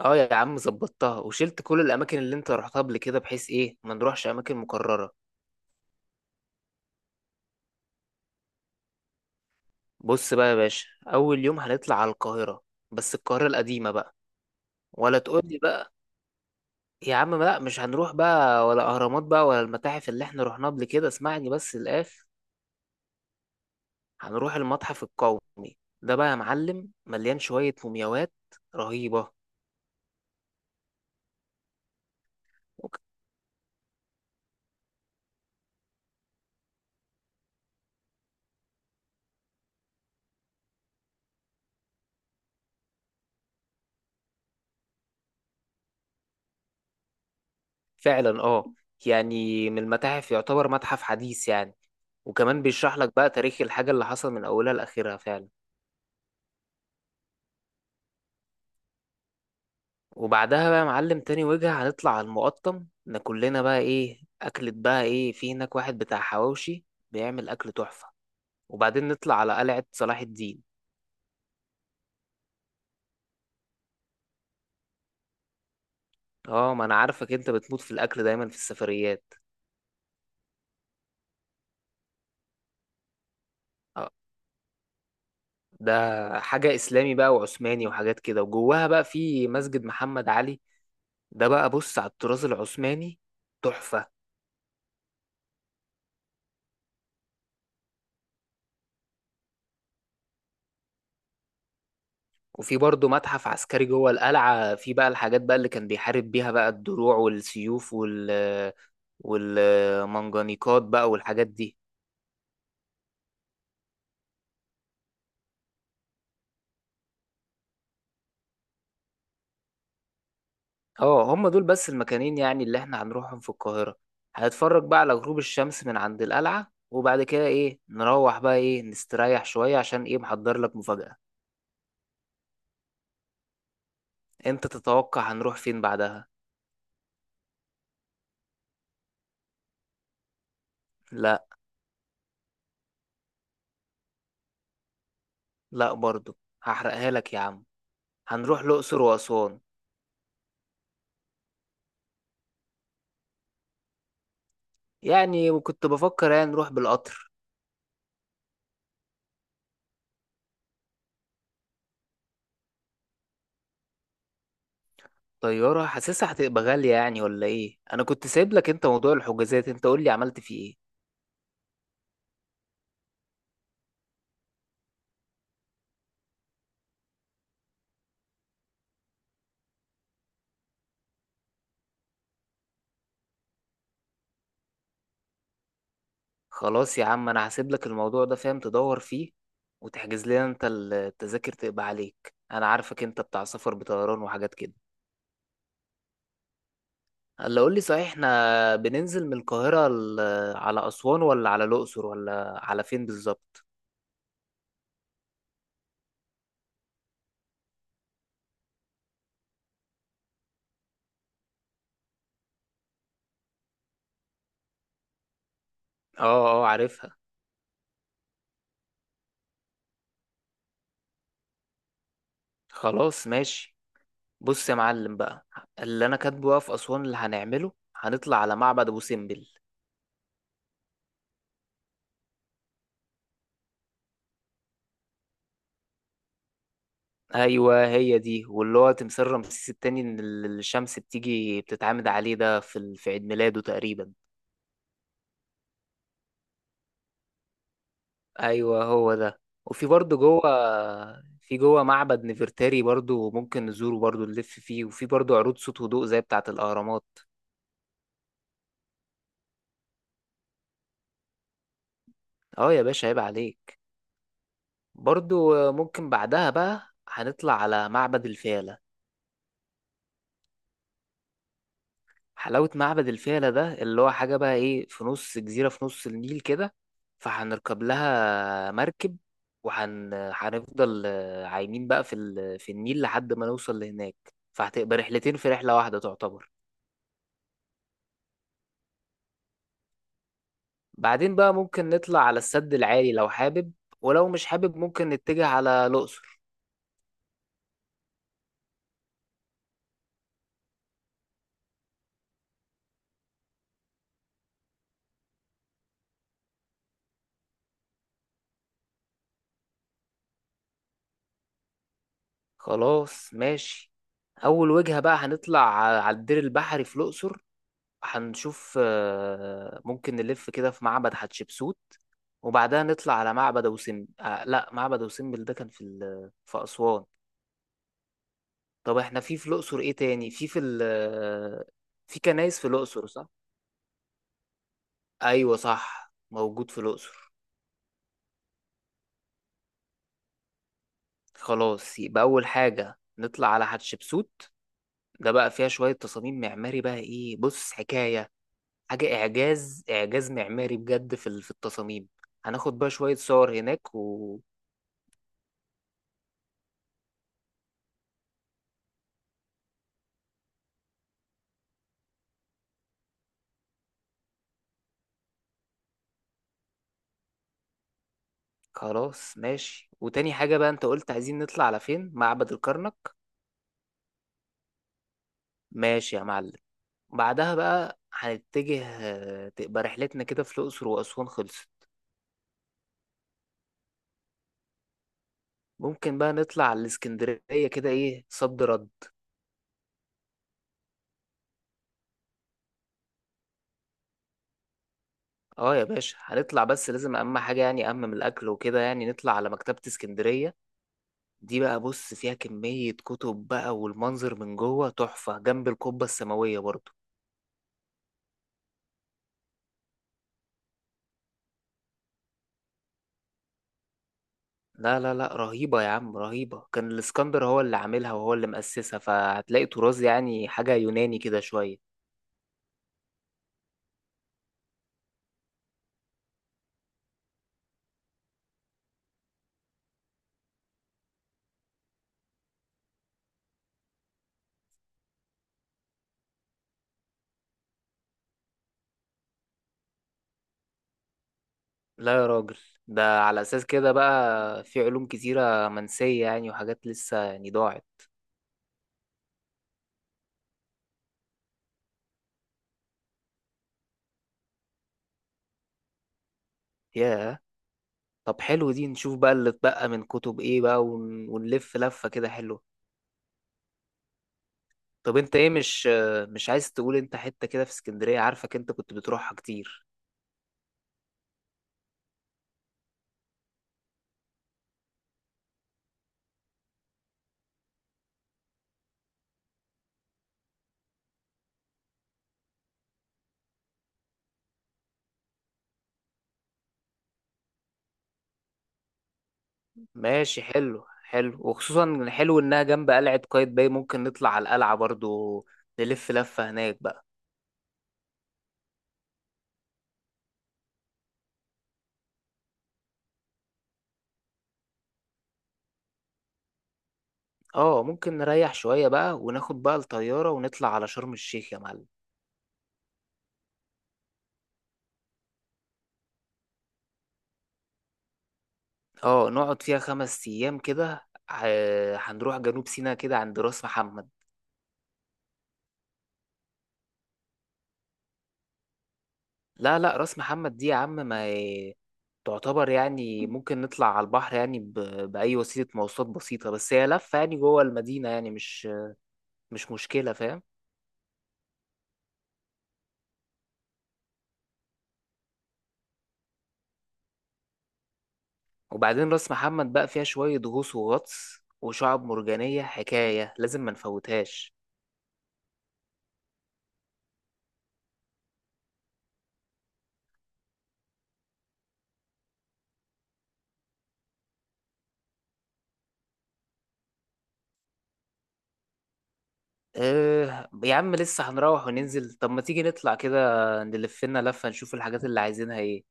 اه يا عم ظبطتها وشلت كل الاماكن اللي انت رحتها قبل كده، بحيث ايه ما نروحش اماكن مكرره. بص بقى يا باشا، اول يوم هنطلع على القاهره، بس القاهره القديمه بقى. ولا تقول لي بقى، يا عم لا مش هنروح بقى ولا اهرامات بقى ولا المتاحف اللي احنا رحناها قبل كده، اسمعني بس الاخر. هنروح المتحف القومي، ده بقى يا معلم مليان شويه مومياوات رهيبه. فعلا اه، يعني من المتاحف يعتبر متحف حديث يعني، وكمان بيشرح لك بقى تاريخ الحاجه اللي حصل من اولها لاخرها فعلا. وبعدها بقى يا معلم، تاني وجهة هنطلع على المقطم، ناكلنا بقى ايه أكلة بقى، ايه في هناك واحد بتاع حواوشي بيعمل أكل تحفة، وبعدين نطلع على قلعة صلاح الدين. اه ما انا عارفك، انت بتموت في الأكل دايما في السفريات. اه ده حاجة إسلامي بقى وعثماني وحاجات كده، وجواها بقى في مسجد محمد علي، ده بقى بص على الطراز العثماني تحفة. وفي برضه متحف عسكري جوه القلعة، في بقى الحاجات بقى اللي كان بيحارب بيها بقى، الدروع والسيوف والمنجنيقات بقى والحاجات دي. اه هم دول بس المكانين يعني اللي احنا هنروحهم في القاهرة، هنتفرج بقى على غروب الشمس من عند القلعة، وبعد كده ايه نروح بقى ايه نستريح شوية، عشان ايه محضر لك مفاجأة. انت تتوقع هنروح فين بعدها؟ لا لا برضو. هحرقها لك يا عم، هنروح الأقصر وأسوان. يعني وكنت بفكر يعني نروح بالقطر. طيارة حاسسها هتبقى غالية يعني ولا ايه؟ انا كنت سايب لك انت موضوع الحجازات، انت قول لي عملت فيه ايه. خلاص يا عم انا هسيب لك الموضوع ده، فاهم تدور فيه وتحجز لنا انت التذاكر، تبقى عليك، انا عارفك انت بتاع سفر بطيران وحاجات كده. هلا قول لي صحيح، احنا بننزل من القاهرة على اسوان ولا على الاقصر ولا على فين بالظبط؟ اه اه عارفها. خلاص ماشي. بص يا معلم بقى، اللي انا كاتبه بقى في اسوان اللي هنعمله، هنطلع على معبد ابو سمبل. ايوه هي دي، واللي هو تمثال رمسيس التاني، ان الشمس بتيجي بتتعامد عليه، ده في في عيد ميلاده تقريبا. ايوه هو ده. وفي برضه في جوه معبد نفرتاري برضه ممكن نزوره برضه، نلف فيه، وفي برضه عروض صوت وضوء زي بتاعة الأهرامات. اه يا باشا عيب عليك. برضه ممكن بعدها بقى هنطلع على معبد الفيلة. حلاوة معبد الفيلة ده، اللي هو حاجة بقى ايه في نص جزيرة في نص النيل كده، فهنركب لها مركب وهن هنفضل عايمين بقى في النيل لحد ما نوصل لهناك، فهتبقى رحلتين في رحلة واحدة تعتبر. بعدين بقى ممكن نطلع على السد العالي لو حابب، ولو مش حابب ممكن نتجه على الأقصر. خلاص ماشي. أول وجهة بقى هنطلع على الدير البحري في الأقصر، هنشوف ممكن نلف كده في معبد حتشبسوت، وبعدها نطلع على معبد أبو سمبل، لا، معبد أبو سمبل ده كان في في أسوان. طب احنا في الأقصر ايه تاني في في ال آه، في كنايس في الأقصر صح؟ أيوة صح، موجود في الأقصر. خلاص يبقى أول حاجة نطلع على حتشبسوت، ده بقى فيها شوية تصاميم معماري بقى ايه بص حكاية، حاجة إعجاز إعجاز معماري بجد في في التصاميم. هناخد بقى شوية صور هناك خلاص ماشي. وتاني حاجة بقى انت قلت عايزين نطلع على فين، معبد الكرنك. ماشي يا معلم. بعدها بقى هنتجه، تبقى رحلتنا كده في الأقصر وأسوان خلصت. ممكن بقى نطلع على الإسكندرية كده، ايه صد رد؟ اه يا باشا هنطلع، بس لازم أهم حاجة يعني أهم من الأكل وكده، يعني نطلع على مكتبة اسكندرية، دي بقى بص فيها كمية كتب بقى، والمنظر من جوه تحفة، جنب القبة السماوية برضه. لا لا لا، رهيبة يا عم رهيبة، كان الاسكندر هو اللي عاملها وهو اللي مؤسسها، فهتلاقي طراز يعني حاجة يوناني كده شوية. لا يا راجل، ده على أساس كده بقى في علوم كتيرة منسية يعني، وحاجات لسه يعني ضاعت. ياه. طب حلو دي، نشوف بقى اللي اتبقى من كتب ايه بقى ونلف لفة كده حلوة. طب انت ايه، مش عايز تقول انت حتة كده في اسكندرية؟ عارفك انت كنت بتروحها كتير. ماشي حلو حلو، وخصوصا حلو انها جنب قلعة قايتباي، ممكن نطلع على القلعة برضو، نلف لفة هناك بقى. اه ممكن نريح شوية بقى وناخد بقى الطيارة ونطلع على شرم الشيخ يا معلم. اه نقعد فيها 5 ايام كده، هنروح جنوب سيناء كده عند راس محمد. لا لا، راس محمد دي يا عم ما هي- تعتبر يعني ممكن نطلع على البحر يعني بأي وسيلة مواصلات بسيطة، بس هي لفة يعني جوه المدينة يعني مش مشكلة، فاهم. وبعدين راس محمد بقى فيها شوية غوص وغطس وشعب مرجانية حكاية لازم ما نفوتهاش. اه يا عم لسه هنروح وننزل، طب ما تيجي نطلع كده نلف لنا لفة نشوف الحاجات اللي عايزينها ايه.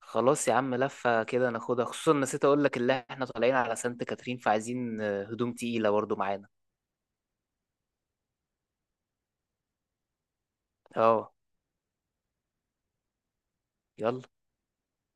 خلاص يا عم لفة كده ناخدها، خصوصا نسيت اقول لك اللي احنا طالعين على سانت كاترين، فعايزين هدوم تقيلة برضه معانا. اه يلا.